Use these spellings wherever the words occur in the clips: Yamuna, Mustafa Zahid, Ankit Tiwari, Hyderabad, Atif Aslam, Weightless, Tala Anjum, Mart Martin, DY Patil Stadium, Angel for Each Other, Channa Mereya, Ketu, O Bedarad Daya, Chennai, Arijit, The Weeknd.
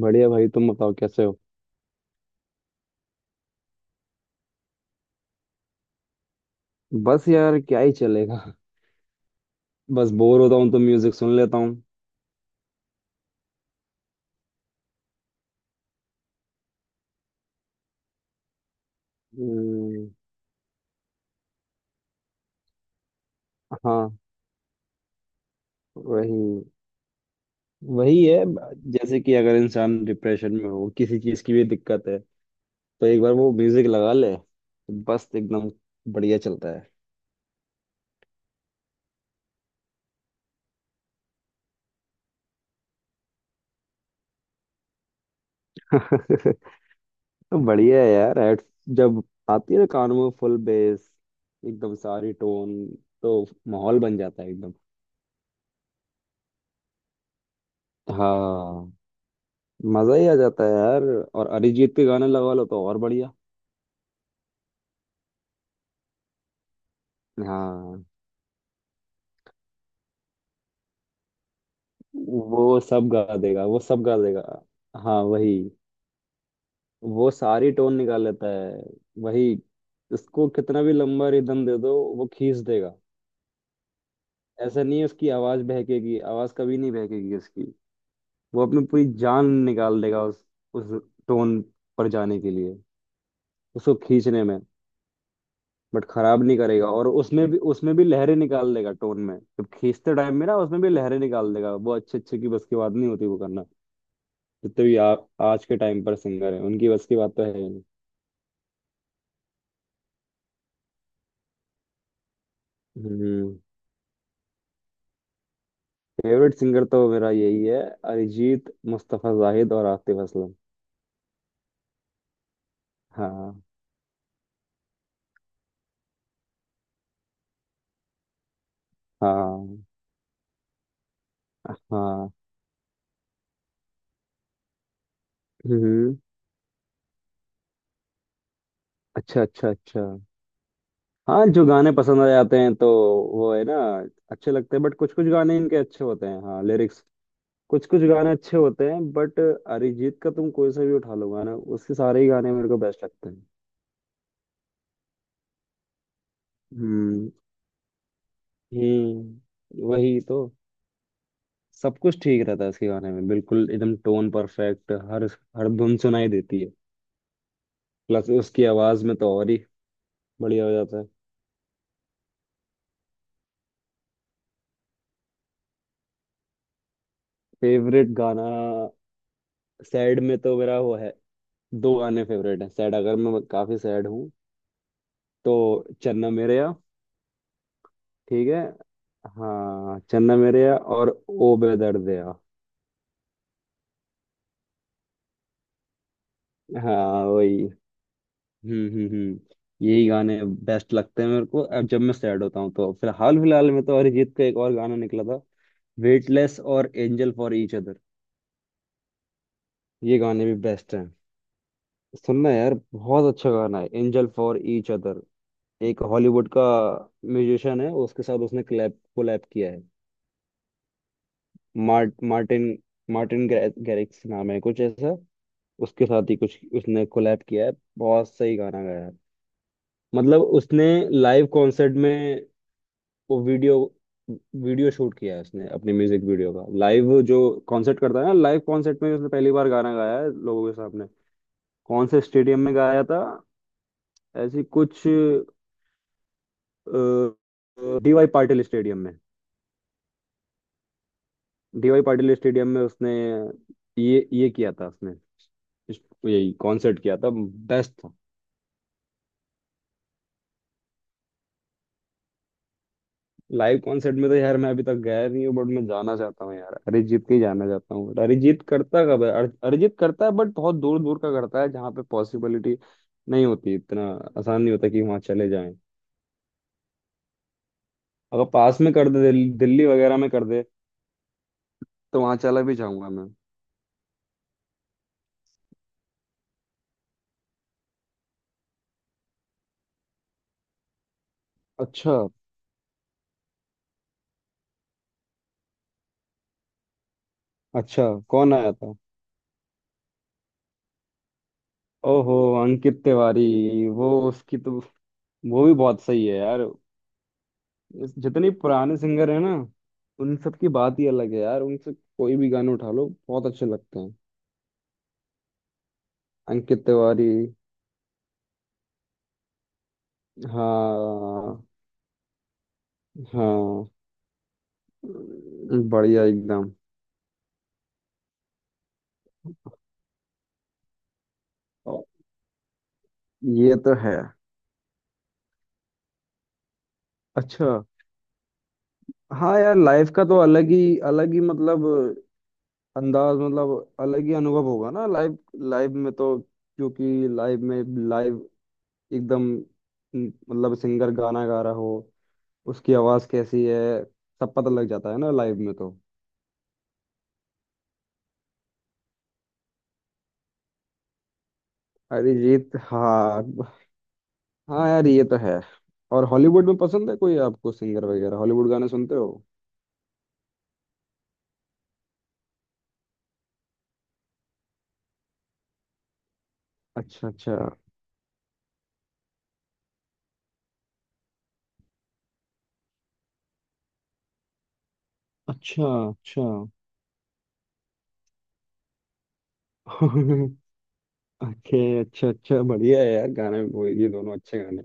बढ़िया भाई तुम बताओ कैसे हो। बस यार क्या ही चलेगा। बस बोर होता हूँ तो म्यूजिक सुन लेता हूँ। हम्म, हाँ। वही। वही है। जैसे कि अगर इंसान डिप्रेशन में हो किसी चीज की भी दिक्कत है तो एक बार वो म्यूजिक लगा ले तो बस एकदम बढ़िया चलता है। बढ़िया है यार। हेड जब आती है ना कान में फुल बेस एकदम सारी टोन तो माहौल बन जाता है एकदम। हाँ। मजा ही आ जाता है यार। और अरिजीत के गाने लगा लो तो और बढ़िया। हाँ। वो सब गा देगा, वो सब गा देगा। हाँ वही। वो सारी टोन निकाल लेता है। वही। उसको कितना भी लंबा रिदम दे दो वो खींच देगा। ऐसा नहीं है उसकी आवाज बहकेगी, आवाज कभी नहीं बहकेगी उसकी। वो अपनी पूरी जान निकाल देगा उस टोन पर जाने के लिए, उसको खींचने में। बट खराब नहीं करेगा, और उसमें भी लहरें निकाल देगा टोन में, जब खींचते टाइम में ना उसमें भी लहरें निकाल देगा वो। अच्छे अच्छे की बस की बात नहीं होती वो करना। जितने भी आज के टाइम पर सिंगर है उनकी बस की बात तो है ही नहीं। हम्म। फेवरेट सिंगर तो मेरा यही है, अरिजीत मुस्तफा जाहिद और आतिफ असलम। हाँ। हाँ। हाँ। हम्म। अच्छा, अच्छा, अच्छा। हाँ जो गाने पसंद आ जाते हैं तो वो है ना, अच्छे लगते हैं, बट कुछ कुछ गाने इनके अच्छे होते हैं। हाँ लिरिक्स। कुछ कुछ गाने अच्छे होते हैं, बट अरिजीत का तुम कोई सा भी उठा लो गाना, उसके सारे ही गाने मेरे को बेस्ट लगते हैं। हम्म, हम्म, वही तो। सब कुछ ठीक रहता है उसके गाने में, बिल्कुल एकदम टोन परफेक्ट, हर हर धुन सुनाई देती है। प्लस उसकी आवाज में तो और ही बढ़िया हो जाता है। फेवरेट गाना सैड में तो मेरा वो है। दो गाने फेवरेट हैं सैड, अगर मैं काफी सैड हूँ तो चन्ना मेरेया। ठीक है। हाँ, चन्ना मेरेया और ओ बेदर्द दया। हाँ वही। हम्म, हम्म, हम्म। यही गाने बेस्ट लगते हैं मेरे को, अब जब मैं सैड होता हूँ तो। फिलहाल फिलहाल में तो अरिजीत का एक और गाना निकला था, वेटलेस और एंजल फॉर ईच अदर। ये गाने भी बेस्ट हैं। सुनना यार, बहुत अच्छा गाना है एंजल फॉर ईच अदर। एक हॉलीवुड का म्यूजिशियन है, उसके साथ उसने कोलैब कोलैब किया है। मार्टिन मार्टिन गैरिक्स नाम है कुछ ऐसा। उसके साथ ही कुछ उसने कोलैब किया है। बहुत सही गाना गाया है। मतलब उसने लाइव कॉन्सर्ट में वो वीडियो वीडियो शूट किया है, उसने अपने म्यूजिक वीडियो का। लाइव जो कॉन्सर्ट करता है ना, लाइव कॉन्सर्ट में उसने पहली बार गाना गाया है लोगों के सामने। कौन से स्टेडियम में गाया था, ऐसी कुछ डीवाई पाटिल स्टेडियम में। डीवाई पाटिल स्टेडियम में उसने ये किया था उसने। यही कॉन्सर्ट किया था बेस्ट। लाइव कॉन्सर्ट में तो यार मैं अभी तक गया नहीं हूँ, बट मैं जाना चाहता हूँ यार, अरिजीत के ही जाना चाहता हूँ। बट अरिजीत करता कब है? अरिजीत करता है, बट बहुत दूर दूर का करता है जहाँ पे पॉसिबिलिटी नहीं होती। इतना आसान नहीं होता कि वहाँ चले जाएं। अगर पास में कर दे, दिल्ली वगैरह में कर दे, तो वहाँ चला भी जाऊंगा मैं। अच्छा, अच्छा। कौन आया था? ओहो, अंकित तिवारी। वो उसकी तो, वो भी बहुत सही है यार। जितने पुराने सिंगर है ना, उन सब की बात ही अलग है यार, उनसे कोई भी गाने उठा लो बहुत अच्छे लगते हैं। अंकित तिवारी। हाँ। हाँ। बढ़िया एकदम। ओ, ये तो है। अच्छा। हाँ यार, लाइफ का तो अलग ही, अलग ही, मतलब अंदाज, मतलब अलग ही अनुभव होगा ना लाइफ लाइफ में तो, क्योंकि लाइफ में लाइव एकदम, मतलब सिंगर गाना गा रहा हो, उसकी आवाज कैसी है, सब पता लग जाता है ना लाइव में तो। अरिजीत। हाँ। हाँ यार, ये तो है। और हॉलीवुड में पसंद है कोई आपको सिंगर वगैरह, हॉलीवुड गाने सुनते हो? अच्छा, अच्छा। अच्छा, अच्छा। ओके, अच्छा, अच्छा, बढ़िया है यार गाने वो, ये दोनों अच्छे गाने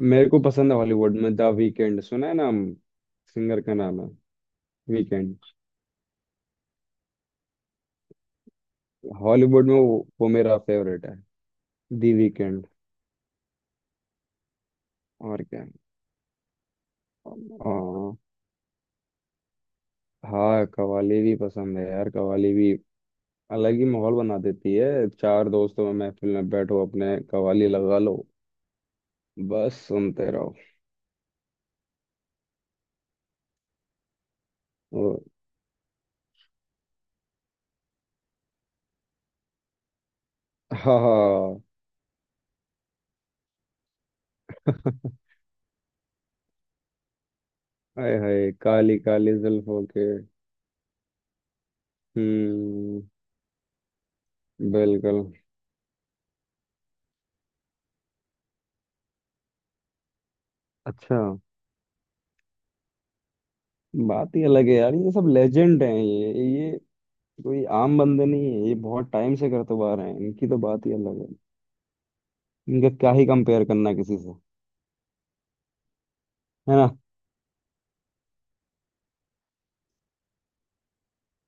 मेरे को पसंद है। हॉलीवुड में द वीकेंड सुना है नाम? सिंगर का नाम है वीकेंड। हॉलीवुड में वो मेरा फेवरेट है, दी वीकेंड। और क्या। आ, हाँ, कवाली भी पसंद है यार, कवाली भी अलग ही माहौल बना देती है। चार दोस्तों में महफिल में बैठो अपने, कव्वाली लगा लो, बस सुनते रहो। ओ, हा हा, हाय हाय काली काली जुल्फों के। हम्म। बिल्कुल। अच्छा। बात ही अलग है यार, ये सब लेजेंड हैं, ये कोई आम बंदे नहीं है, ये बहुत टाइम से करते हुए आ रहे हैं, इनकी तो बात ही अलग है। इनका क्या ही कंपेयर करना किसी से। है ना।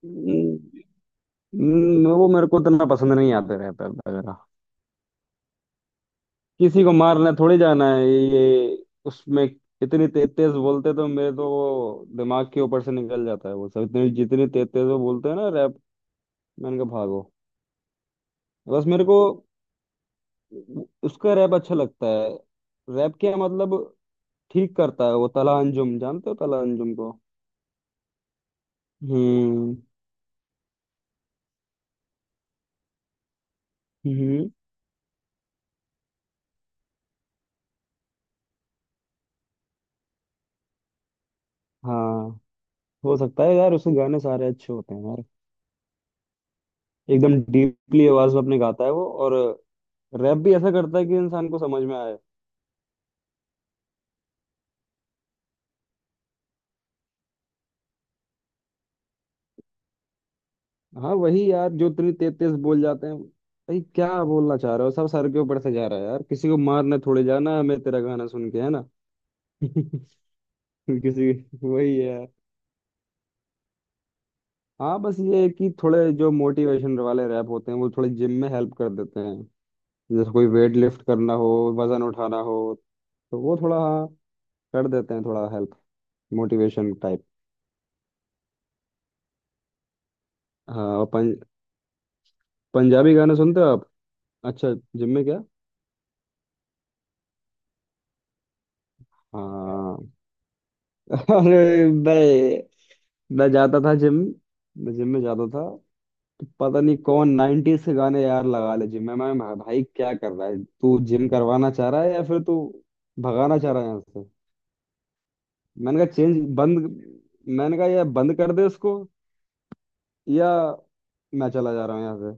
हम्म, वो मेरे को इतना पसंद नहीं आते, रहता वगैरह। किसी को मारने थोड़ी जाना है ये उसमें, इतनी तेज तेज बोलते तो मेरे तो वो दिमाग के ऊपर से निकल जाता है, वो सब इतनी जितनी तेज तेज वो बोलते हैं ना रैप। मैंने कहा भागो। बस मेरे को उसका रैप अच्छा लगता है। रैप क्या मतलब, ठीक करता है वो तला अंजुम। जानते हो तला अंजुम को? हम्म। हम्म। हाँ, हो सकता है यार, उसके गाने सारे अच्छे होते हैं यार। एकदम डीपली आवाज में अपने गाता है वो, और रैप भी ऐसा करता है कि इंसान को समझ में आए। हाँ वही यार, जो त्री तेतीस बोल जाते हैं, भाई क्या बोलना चाह रहे हो, सब सर के ऊपर से जा रहा है यार, किसी को मारने थोड़े जाना है हमें तेरा गाना सुन के, है ना। किसी वही है। हाँ, बस ये है कि थोड़े जो मोटिवेशन वाले रैप होते हैं वो थोड़े जिम में हेल्प कर देते हैं। जैसे कोई वेट लिफ्ट करना हो, वजन उठाना हो, तो वो थोड़ा, हाँ, कर देते हैं, थोड़ा हेल्प, मोटिवेशन टाइप। हाँ, और पंजाबी गाने सुनते हो आप? अच्छा जिम में क्या? हाँ। अरे मैं जाता था जिम। मैं जिम में जाता था तो पता नहीं कौन 90s के गाने यार लगा ले जिम में। भाई क्या कर रहा है तू, जिम करवाना चाह रहा है या फिर तू भगाना चाह रहा है यहाँ से? मैंने कहा चेंज, बंद। मैंने कहा यार बंद कर दे इसको, या मैं चला जा रहा हूँ यहाँ से।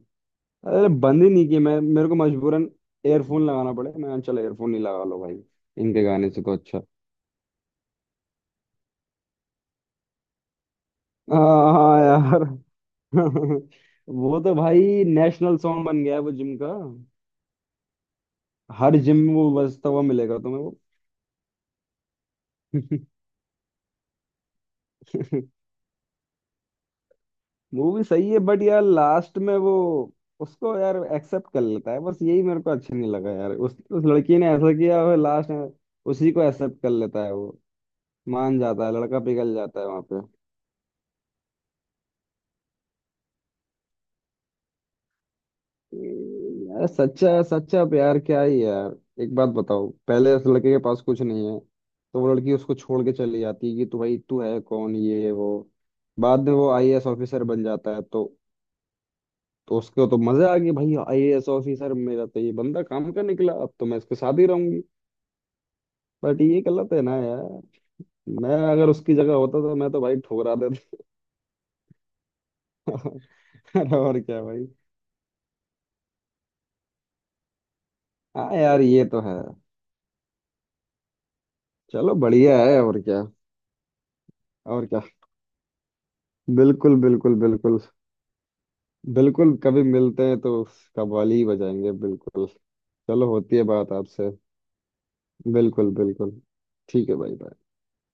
अरे बंद ही नहीं किया, मैं मेरे को मजबूरन एयरफोन लगाना पड़े। मैं चलो एयरफोन नहीं लगा लो भाई, इनके गाने से तो अच्छा। हाँ, हाँ यार। वो तो भाई नेशनल सॉन्ग बन गया है वो जिम का। हर जिम में वो बजता हुआ मिलेगा तुम्हें वो। मूवी सही है, बट यार लास्ट में वो उसको यार एक्सेप्ट कर लेता है, बस यही मेरे को अच्छा नहीं लगा यार, उस लड़की ने ऐसा किया और लास्ट में उसी को एक्सेप्ट कर लेता है वो। मान जाता है लड़का, पिघल जाता है वहां। यार सच्चा सच्चा प्यार क्या ही है यार। एक बात बताओ, पहले उस लड़के के पास कुछ नहीं है तो वो लड़की उसको छोड़ के चली जाती है कि तू भाई तू है कौन, ये है, वो। बाद में वो आईएएस ऑफिसर बन जाता है, तो उसको तो मजा आ गई, भाई आईएएस ऑफिसर, मेरा तो ये बंदा काम का निकला, अब तो मैं इसके साथ ही रहूंगी। बट ये गलत है ना यार। मैं अगर उसकी जगह होता तो मैं तो भाई ठुकरा देता। अरे और क्या भाई। हाँ यार, ये तो है। चलो बढ़िया है, और क्या। और क्या। बिल्कुल, बिल्कुल, बिल्कुल। बिल्कुल कभी मिलते हैं तो कव्वाली ही बजाएंगे बिल्कुल। चलो होती है बात आपसे। बिल्कुल, बिल्कुल। ठीक है भाई।